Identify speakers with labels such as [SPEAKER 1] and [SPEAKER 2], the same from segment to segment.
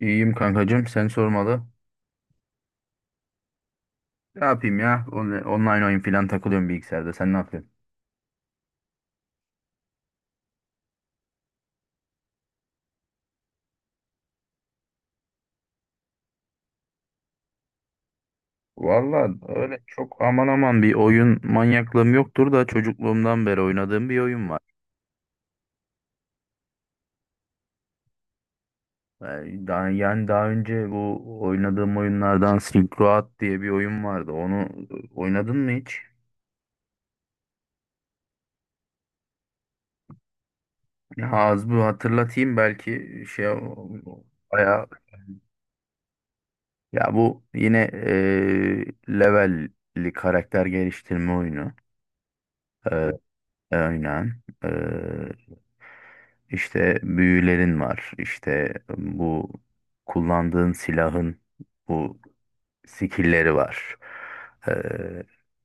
[SPEAKER 1] İyiyim kankacığım sen sormalı. Ne yapayım ya? Online oyun falan takılıyorum bilgisayarda. Sen ne yapıyorsun? Valla öyle çok aman aman bir oyun manyaklığım yoktur da çocukluğumdan beri oynadığım bir oyun var. Yani daha önce bu oynadığım oyunlardan Silk Road diye bir oyun vardı. Onu oynadın mı hiç? Ya az bu hatırlatayım belki şey bayağı ya bu yine levelli karakter geliştirme oyunu. Aynen. İşte büyülerin var. İşte bu kullandığın silahın bu skill'leri var. Ee,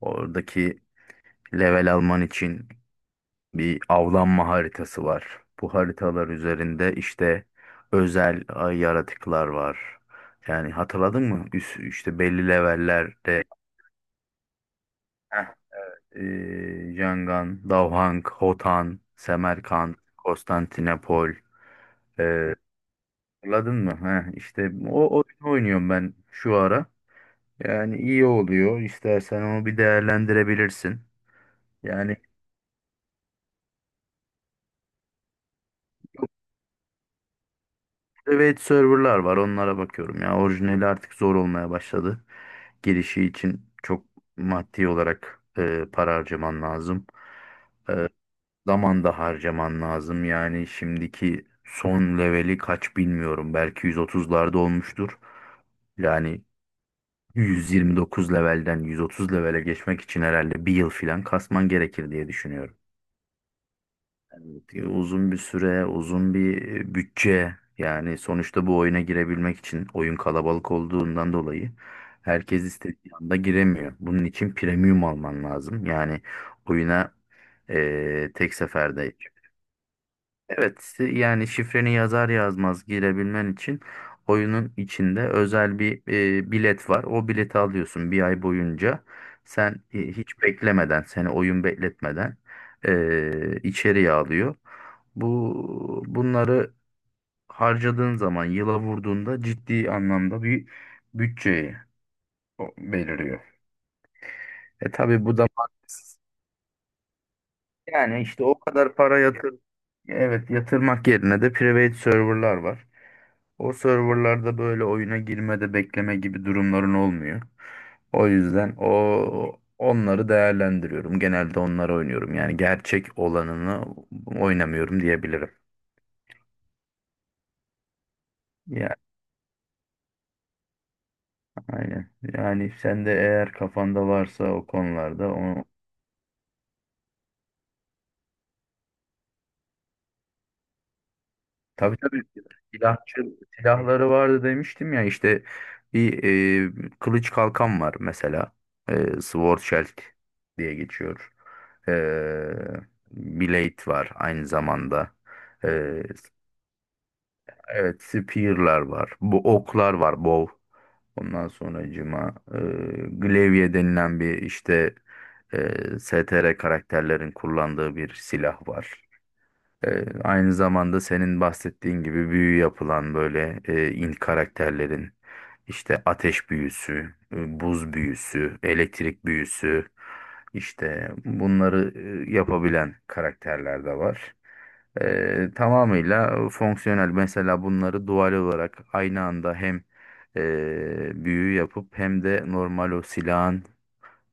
[SPEAKER 1] Oradaki level alman için bir avlanma haritası var. Bu haritalar üzerinde işte özel ay yaratıklar var. Yani hatırladın mı? İşte belli levellerde. Heh, Ee, Yangon, Davhang, Hotan, Semerkant, Konstantinopol. Ee, Anladın mı? Heh, işte o oyunu oynuyorum ben şu ara. Yani iyi oluyor. İstersen onu bir değerlendirebilirsin. Yani private serverlar var. Onlara bakıyorum. Ya orijinali artık zor olmaya başladı. Girişi için çok maddi olarak para harcaman lazım. E, Zaman da harcaman lazım. Yani şimdiki son leveli kaç bilmiyorum. Belki 130'larda olmuştur. Yani 129 levelden 130 levele geçmek için herhalde bir yıl falan kasman gerekir diye düşünüyorum. Evet uzun bir süre, uzun bir bütçe. Yani sonuçta bu oyuna girebilmek için oyun kalabalık olduğundan dolayı herkes istediği anda giremiyor. Bunun için premium alman lazım. Yani oyuna tek seferde. Evet, yani şifreni yazar yazmaz girebilmen için oyunun içinde özel bir bilet var. O bileti alıyorsun bir ay boyunca. Sen hiç beklemeden, seni oyun bekletmeden içeriye alıyor. Bunları harcadığın zaman, yıla vurduğunda ciddi anlamda bir bütçeyi belirliyor. Tabii bu da yani işte o kadar para yatır, evet yatırmak yerine de private serverlar var. O serverlarda böyle oyuna girmede bekleme gibi durumların olmuyor. O yüzden onları değerlendiriyorum. Genelde onları oynuyorum. Yani gerçek olanını oynamıyorum diyebilirim. Ya aynen. Yani sen de eğer kafanda varsa o konularda Tabii tabii silahçı silahları vardı demiştim ya işte bir kılıç kalkan var mesela. Sword Shield diye geçiyor. E, Blade var aynı zamanda. E, evet spear'lar var. Bu oklar var bow. Ondan sonracığıma glaive denilen bir işte STR karakterlerin kullandığı bir silah var. Aynı zamanda senin bahsettiğin gibi büyü yapılan böyle in karakterlerin işte ateş büyüsü, buz büyüsü, elektrik büyüsü işte bunları yapabilen karakterler de var. Tamamıyla fonksiyonel mesela bunları dual olarak aynı anda hem büyü yapıp hem de normal o silahın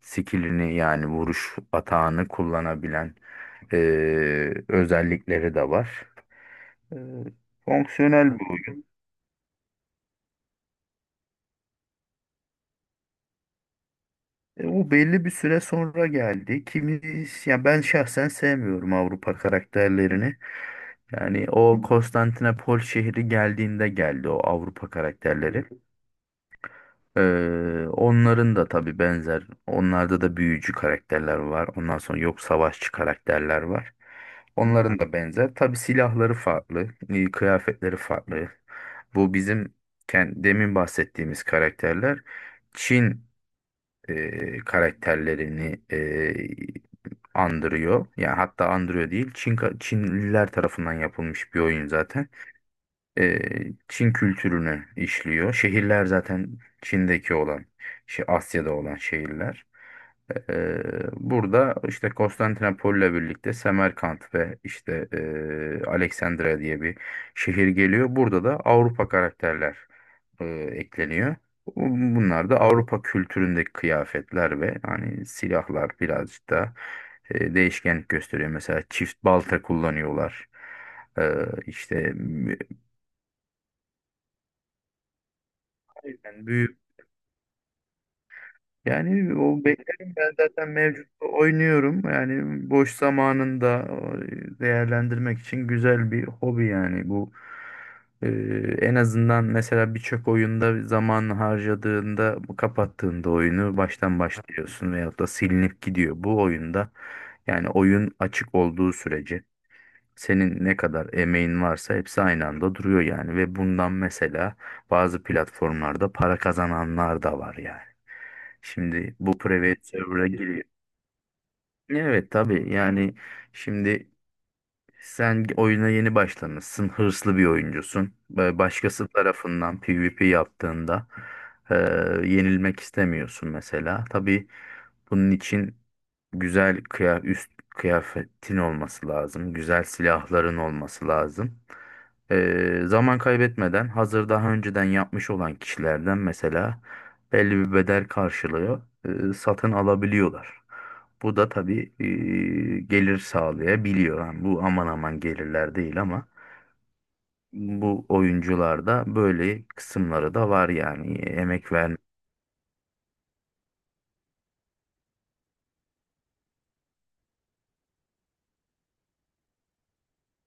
[SPEAKER 1] skillini yani vuruş atağını kullanabilen e, özellikleri de var. E, Fonksiyonel bir oyun. O belli bir süre sonra geldi. Ya ben şahsen sevmiyorum Avrupa karakterlerini. Yani o Konstantinopol şehri geldiğinde geldi o Avrupa karakterleri. Onların da tabii benzer. Onlarda da büyücü karakterler var. Ondan sonra yok savaşçı karakterler var. Onların da benzer. Tabii silahları farklı, kıyafetleri farklı. Bu bizim demin bahsettiğimiz karakterler Çin karakterlerini andırıyor. Yani hatta andırıyor değil. Çinliler tarafından yapılmış bir oyun zaten, e, Çin kültürünü işliyor. Şehirler zaten Çin'deki olan, şey Asya'da olan şehirler. E, e, Burada işte Konstantinopolis'le birlikte Semerkant ve işte Alexandria diye bir şehir geliyor. Burada da Avrupa karakterler e, ekleniyor. Bu- Bunlar da Avrupa kültüründeki kıyafetler ve hani silahlar birazcık da değişkenlik gösteriyor. Mesela çift balta kullanıyorlar. Ee, işte o yüzden büyük. Yani o beklerim ben zaten mevcut oynuyorum. Yani boş zamanında değerlendirmek için güzel bir hobi yani bu. E, En azından mesela birçok oyunda zaman harcadığında kapattığında oyunu baştan başlıyorsun veyahut da silinip gidiyor. Bu oyunda yani oyun açık olduğu sürece senin ne kadar emeğin varsa hepsi aynı anda duruyor yani, ve bundan mesela bazı platformlarda para kazananlar da var yani. Şimdi bu private server'a giriyor. Evet tabii yani şimdi sen oyuna yeni başlamışsın, hırslı bir oyuncusun. Böyle başkası tarafından PvP yaptığında e, yenilmek istemiyorsun mesela. Tabii bunun için güzel üst kıyafetin olması lazım, güzel silahların olması lazım. Zaman kaybetmeden hazır daha önceden yapmış olan kişilerden mesela belli bir bedel karşılığı satın alabiliyorlar. Bu da tabii gelir sağlayabiliyor. Yani bu aman aman gelirler değil ama bu oyuncularda böyle kısımları da var yani emek ver.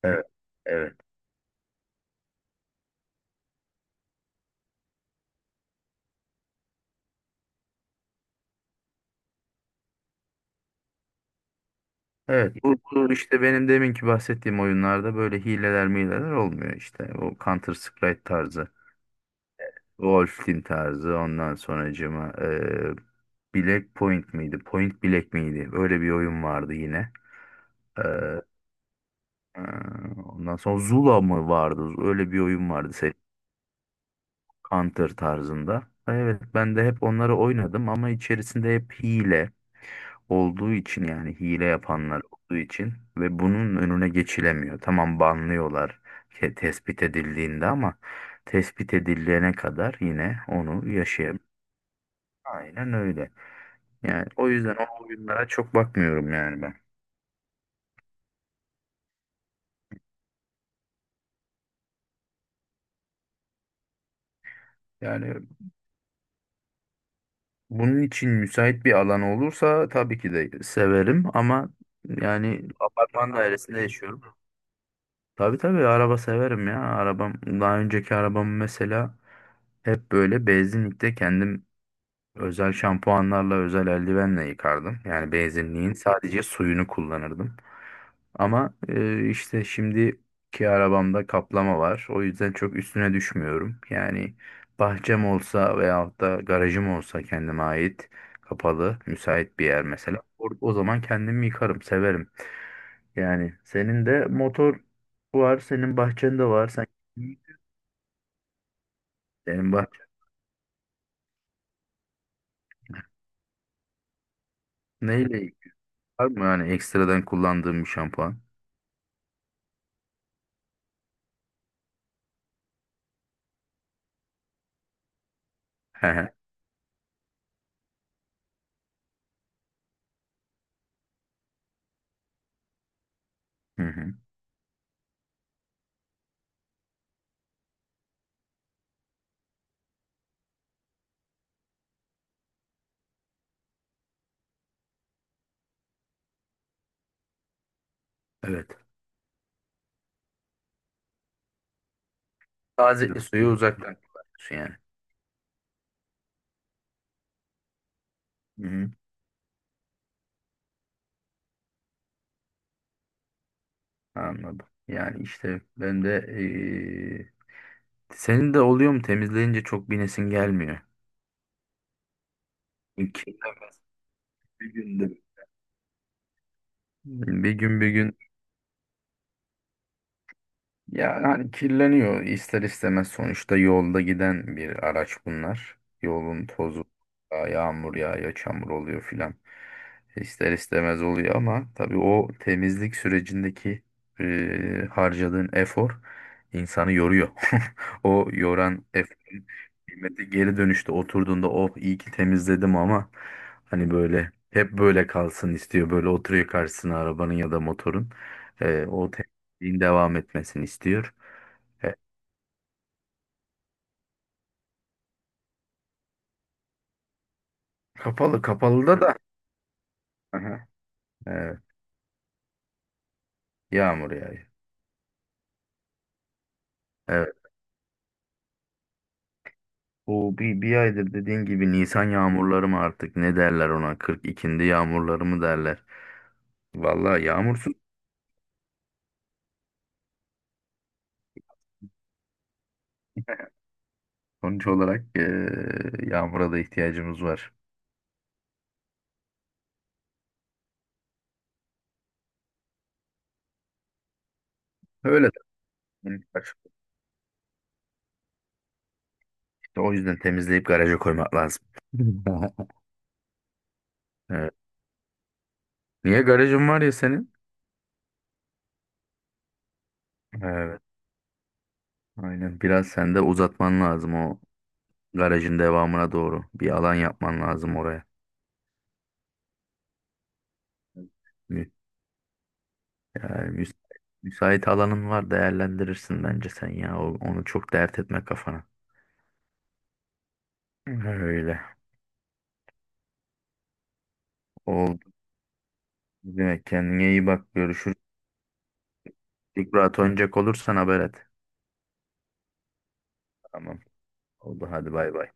[SPEAKER 1] Evet. Evet. Evet. Bu işte benim deminki bahsettiğim oyunlarda böyle hileler mileler olmuyor işte. O Counter Strike tarzı, Wolf Team tarzı, ondan sonracığıma Black Point miydi? Point Black miydi? Öyle bir oyun vardı yine. Ee, e, Ondan sonra Zula mı vardı? Öyle bir oyun vardı. Counter tarzında. Evet ben de hep onları oynadım ama içerisinde hep hile olduğu için yani hile yapanlar olduğu için ve bunun önüne geçilemiyor. Tamam banlıyorlar tespit edildiğinde ama tespit edilene kadar yine onu yaşayabilir. Aynen öyle. Yani o yüzden o oyunlara çok bakmıyorum yani ben. Yani bunun için müsait bir alan olursa tabii ki de severim ama yani apartman dairesinde yaşıyorum. Tabii tabii araba severim ya. Daha önceki arabam mesela hep böyle benzinlikte kendim özel şampuanlarla özel eldivenle yıkardım. Yani benzinliğin sadece suyunu kullanırdım. Ama işte şimdiki arabamda kaplama var. O yüzden çok üstüne düşmüyorum. Yani bahçem olsa veyahut da garajım olsa kendime ait kapalı müsait bir yer mesela. O zaman kendimi yıkarım severim. Yani senin de motor var, senin bahçende var. Sen senin bahçe neyle ilgili? Var mı yani ekstradan kullandığın bir şampuan? He he. Hı hı. Evet. Taze suyu uzaktan kullanıyorsun yani. Hı hı. Anladım. Yani işte ben de senin de oluyor mu temizleyince çok binesin gelmiyor. Kirlenmez. Bir günde. Bir gün bir gün. Ya hani kirleniyor ister istemez sonuçta yolda giden bir araç bunlar. Yolun tozu, yağmur yağıyor, çamur oluyor filan. İster istemez oluyor ama tabii o temizlik sürecindeki harcadığın efor insanı yoruyor. O yoran eforun kıymeti geri dönüşte oturduğunda oh iyi ki temizledim, ama hani böyle hep böyle kalsın istiyor. Böyle oturuyor karşısına arabanın ya da motorun. O din devam etmesini istiyor. E, Kapalı kapalıda da. Aha, evet, yağmur yağıyor. Evet. Bu bir aydır dediğin gibi Nisan yağmurları mı artık ne derler ona, 42'nde yağmurları mı derler. Vallahi yağmursuz, sonuç olarak yağmura da ihtiyacımız var. Öyle de. İşte o yüzden temizleyip garaja koymak lazım. Evet. Niye garajın var ya senin? Evet, aynen. Biraz sen de uzatman lazım o garajın devamına doğru. Bir alan yapman lazım oraya. Mü- Yani müsait alanın var değerlendirirsin bence sen ya. Onu çok dert etme kafana. Öyle. Oldu. Ne demek, kendine iyi bak. Görüşürüz. İlk rahat oynayacak olursan haber et. Tamam. Oldu hadi bay bay.